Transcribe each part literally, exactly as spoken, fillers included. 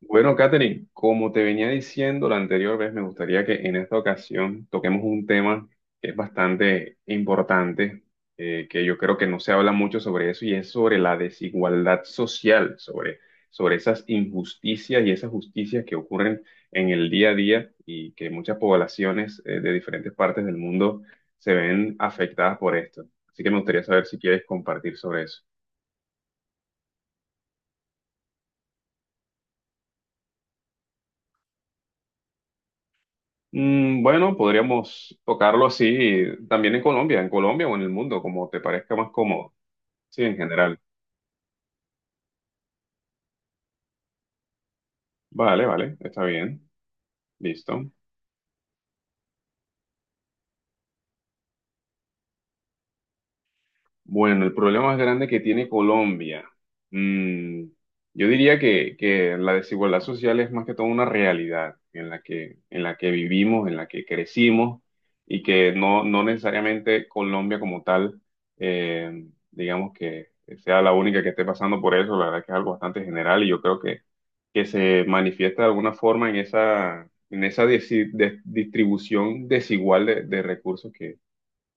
Bueno, Katherine, como te venía diciendo la anterior vez, me gustaría que en esta ocasión toquemos un tema que es bastante importante, eh, que yo creo que no se habla mucho sobre eso, y es sobre la desigualdad social, sobre, sobre esas injusticias y esas justicias que ocurren en el día a día y que muchas poblaciones, eh, de diferentes partes del mundo se ven afectadas por esto. Así que me gustaría saber si quieres compartir sobre eso. Mm, Bueno, podríamos tocarlo así también en Colombia, en Colombia o en el mundo, como te parezca más cómodo. Sí, en general. Vale, vale, está bien. Listo. Bueno, el problema más grande que tiene Colombia. mm, yo diría que, que la desigualdad social es más que todo una realidad en la que, en la que vivimos, en la que crecimos y que no, no necesariamente Colombia como tal, eh, digamos que sea la única que esté pasando por eso. La verdad que es algo bastante general y yo creo que que se manifiesta de alguna forma en esa, en esa desi- de- distribución desigual de, de recursos que,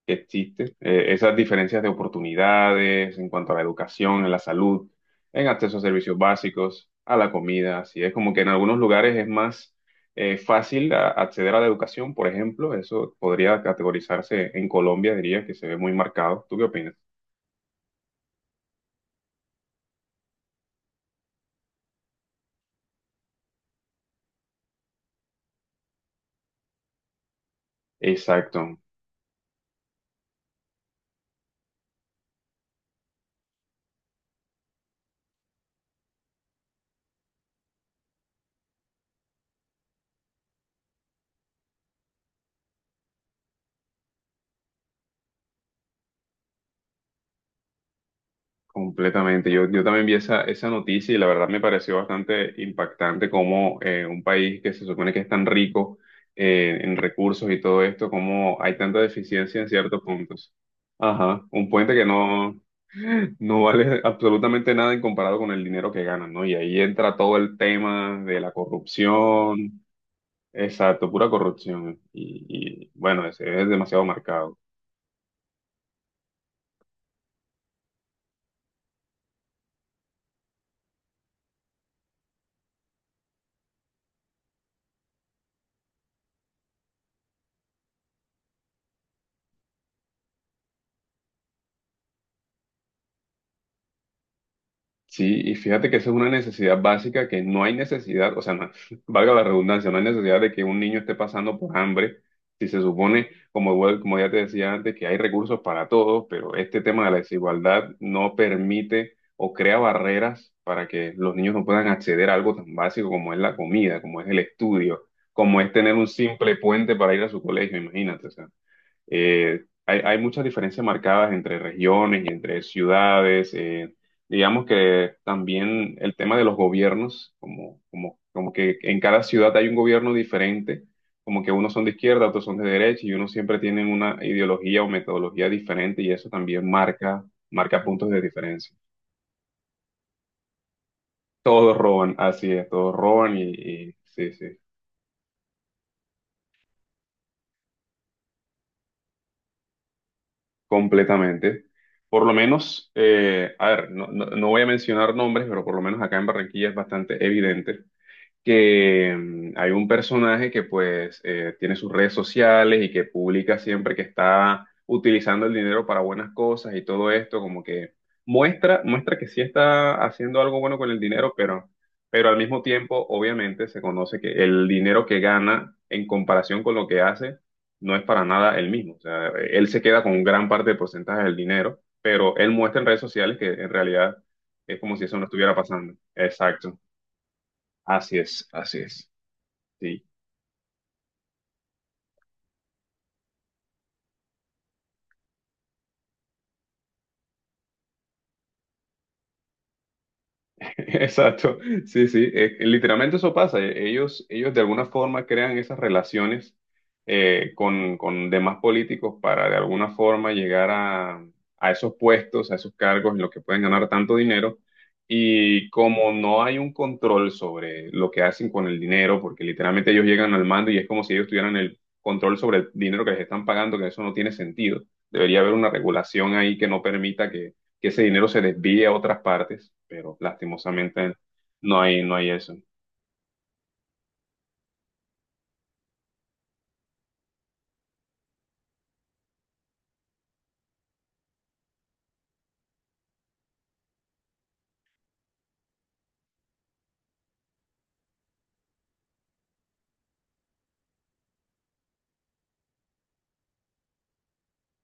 que existe. Eh, esas diferencias de oportunidades en cuanto a la educación, en la salud, en acceso a servicios básicos, a la comida, así es como que en algunos lugares es más eh, fácil a- acceder a la educación, por ejemplo, eso podría categorizarse en Colombia, diría que se ve muy marcado. ¿Tú qué opinas? Exacto. Completamente. Yo, yo también vi esa, esa noticia y la verdad me pareció bastante impactante cómo eh, un país que se supone que es tan rico eh, en recursos y todo esto, cómo hay tanta deficiencia en ciertos puntos. Ajá, un puente que no, no vale absolutamente nada en comparado con el dinero que ganan, ¿no? Y ahí entra todo el tema de la corrupción, exacto, pura corrupción. Y, y bueno, ese es demasiado marcado. Sí, y fíjate que esa es una necesidad básica que no hay necesidad, o sea, no- valga la redundancia, no hay necesidad de que un niño esté pasando por hambre, si se supone, como, vuel- como ya te decía antes, que hay recursos para todos, pero este tema de la desigualdad no permite o crea barreras para que los niños no puedan acceder a algo tan básico como es la comida, como es el estudio, como es tener un simple puente para ir a su colegio, imagínate, o sea. Eh, hay, hay muchas diferencias marcadas entre regiones y entre ciudades. Eh, digamos que también el tema de los gobiernos, como, como, como que en cada ciudad hay un gobierno diferente, como que unos son de izquierda, otros son de derecha y unos siempre tienen una ideología o metodología diferente y eso también marca, marca puntos de diferencia. Todos roban, así es, todos roban y, y sí, sí. Completamente. Por lo menos, eh, a ver, no, no- no voy a mencionar nombres, pero por lo menos acá en Barranquilla es bastante evidente que mm, hay un personaje que pues eh, tiene sus redes sociales y que publica siempre que está utilizando el dinero para buenas cosas y todo esto, como que muestra, muestra que sí está haciendo algo bueno con el dinero, pero, pero al mismo tiempo obviamente se conoce que el dinero que gana en comparación con lo que hace no es para nada el mismo. O sea, él se queda con un gran parte del porcentaje del dinero, pero él muestra en redes sociales que en realidad es como si eso no estuviera pasando. Exacto. Así es, así es. Sí, exacto. Sí, sí. Eh, literalmente eso pasa. eh, Ellos, ellos de alguna forma crean esas relaciones eh, con, con demás políticos para de alguna forma llegar a, a esos puestos, a esos cargos en los que pueden ganar tanto dinero. Y como no hay un control sobre lo que hacen con el dinero, porque literalmente ellos llegan al mando y es como si ellos tuvieran el control sobre el dinero que les están pagando, que eso no tiene sentido. Debería haber una regulación ahí que no permita que que ese dinero se desvíe a otras partes, pero lastimosamente no hay, no hay eso.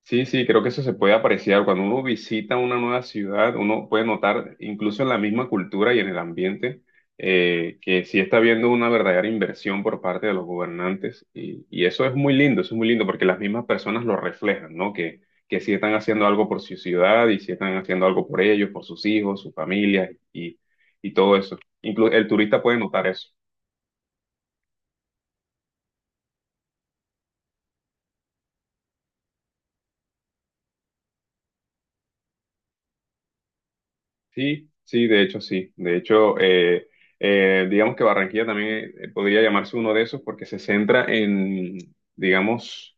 Sí, sí, creo que eso se puede apreciar. Cuando uno visita una nueva ciudad, uno puede notar, incluso en la misma cultura y en el ambiente, eh, que sí está habiendo una verdadera inversión por parte de los gobernantes. Y, y eso es muy lindo, eso es muy lindo porque las mismas personas lo reflejan, ¿no? Que, que sí están haciendo algo por su ciudad y sí están haciendo algo por ellos, por sus hijos, sus familias y, y todo eso. Incluso el turista puede notar eso. Sí, sí, de hecho sí. De hecho, eh, eh, digamos que Barranquilla también eh, podría llamarse uno de esos porque se centra en, digamos,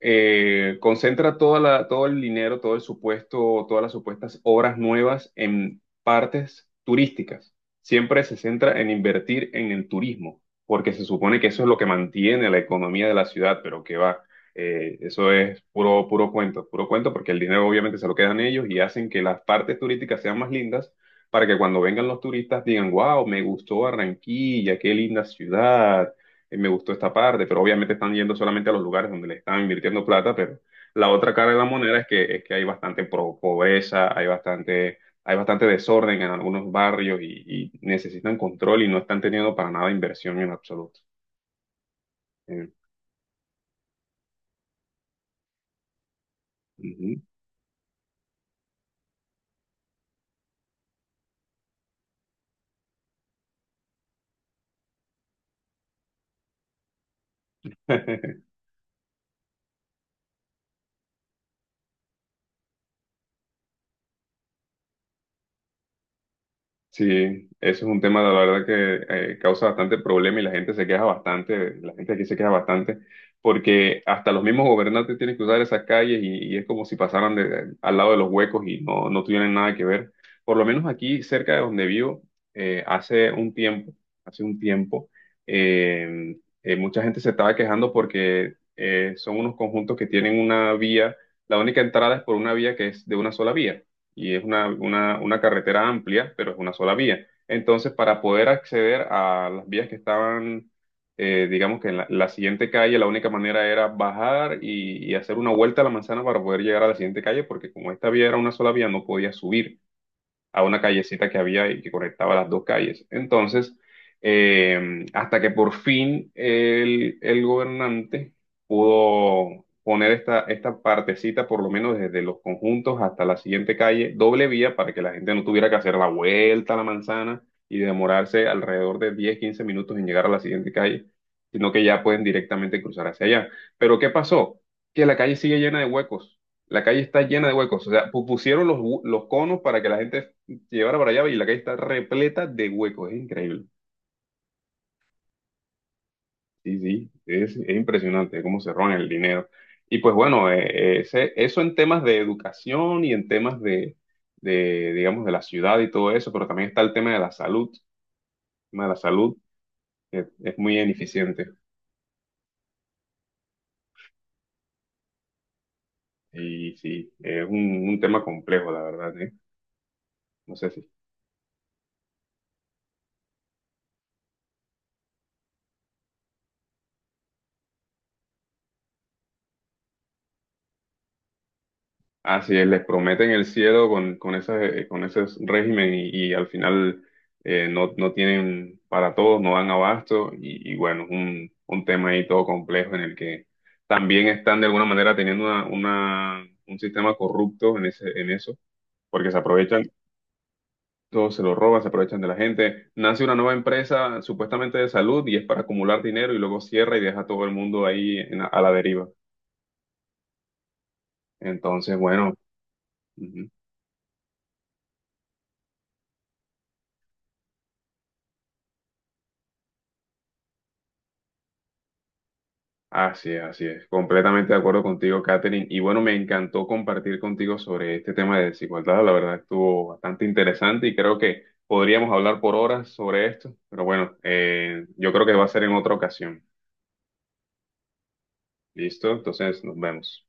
eh, concentra toda la, todo el dinero, todo el supuesto, todas las supuestas obras nuevas en partes turísticas. Siempre se centra en invertir en el turismo, porque se supone que eso es lo que mantiene la economía de la ciudad, pero que va, eh, eso es puro, puro cuento, puro cuento, porque el dinero obviamente se lo quedan ellos y hacen que las partes turísticas sean más lindas para que cuando vengan los turistas digan, wow, me gustó Barranquilla, qué linda ciudad. Eh, me gustó esta parte, pero obviamente están yendo solamente a los lugares donde le están invirtiendo plata, pero la otra cara de la moneda es que, es que hay bastante pro- pobreza, hay bastante, hay bastante desorden en algunos barrios y, y necesitan control y no están teniendo para nada inversión en absoluto. Eh, Ujú. Sí, eso es un tema, la verdad, que eh, causa bastante problema y la gente se queja bastante, la gente aquí se queja bastante, porque hasta los mismos gobernantes tienen que usar esas calles y, y es como si pasaran de- al lado de los huecos y no, no tuvieran nada que ver. Por lo menos aquí, cerca de donde vivo, eh, hace un tiempo, hace un tiempo, eh, eh, mucha gente se estaba quejando porque eh, son unos conjuntos que tienen una vía, la única entrada es por una vía que es de una sola vía y es una, una, una carretera amplia, pero es una sola vía. Entonces, para poder acceder a las vías que estaban, eh, digamos que en la, la siguiente calle, la única manera era bajar y, y hacer una vuelta a la manzana para poder llegar a la siguiente calle, porque como esta vía era una sola vía, no podía subir a una callecita que había y que conectaba las dos calles. Entonces, eh, hasta que por fin el, el gobernante pudo poner esta, esta partecita, por lo menos desde los conjuntos hasta la siguiente calle, doble vía para que la gente no tuviera que hacer la vuelta a la manzana y demorarse alrededor de diez a quince minutos en llegar a la siguiente calle, sino que ya pueden directamente cruzar hacia allá. Pero ¿qué pasó? Que la calle sigue llena de huecos. La calle está llena de huecos. O sea, pu- pusieron los, hu- los conos para que la gente. Sí, ahora para allá y la calle está repleta de huecos, es increíble. Sí, sí, es, es impresionante cómo se roban el dinero. Y pues bueno, eh, eh, ese- eso en temas de educación y en temas de, de, digamos, de la ciudad y todo eso, pero también está el tema de la salud. El tema de la salud es, es muy ineficiente y sí, es un, un tema complejo, la verdad, ¿eh? No sé si. Así es, les prometen el cielo con, con ese, con ese régimen y, y al final eh, no, no tienen para todos, no dan abasto y, y bueno, un, un tema ahí todo complejo en el que también están de alguna manera teniendo una, una- un sistema corrupto en ese, en eso, porque se aprovechan, todo se lo roban, se aprovechan de la gente. Nace una nueva empresa supuestamente de salud y es para acumular dinero y luego cierra y deja a todo el mundo ahí en la- a la deriva. Entonces, bueno. Ujú. Así es, así es. Completamente de acuerdo contigo, Katherine. Y bueno, me encantó compartir contigo sobre este tema de desigualdad. La verdad estuvo bastante interesante y creo que podríamos hablar por horas sobre esto. Pero bueno, eh, yo creo que va a ser en otra ocasión. ¿Listo? Entonces, nos vemos.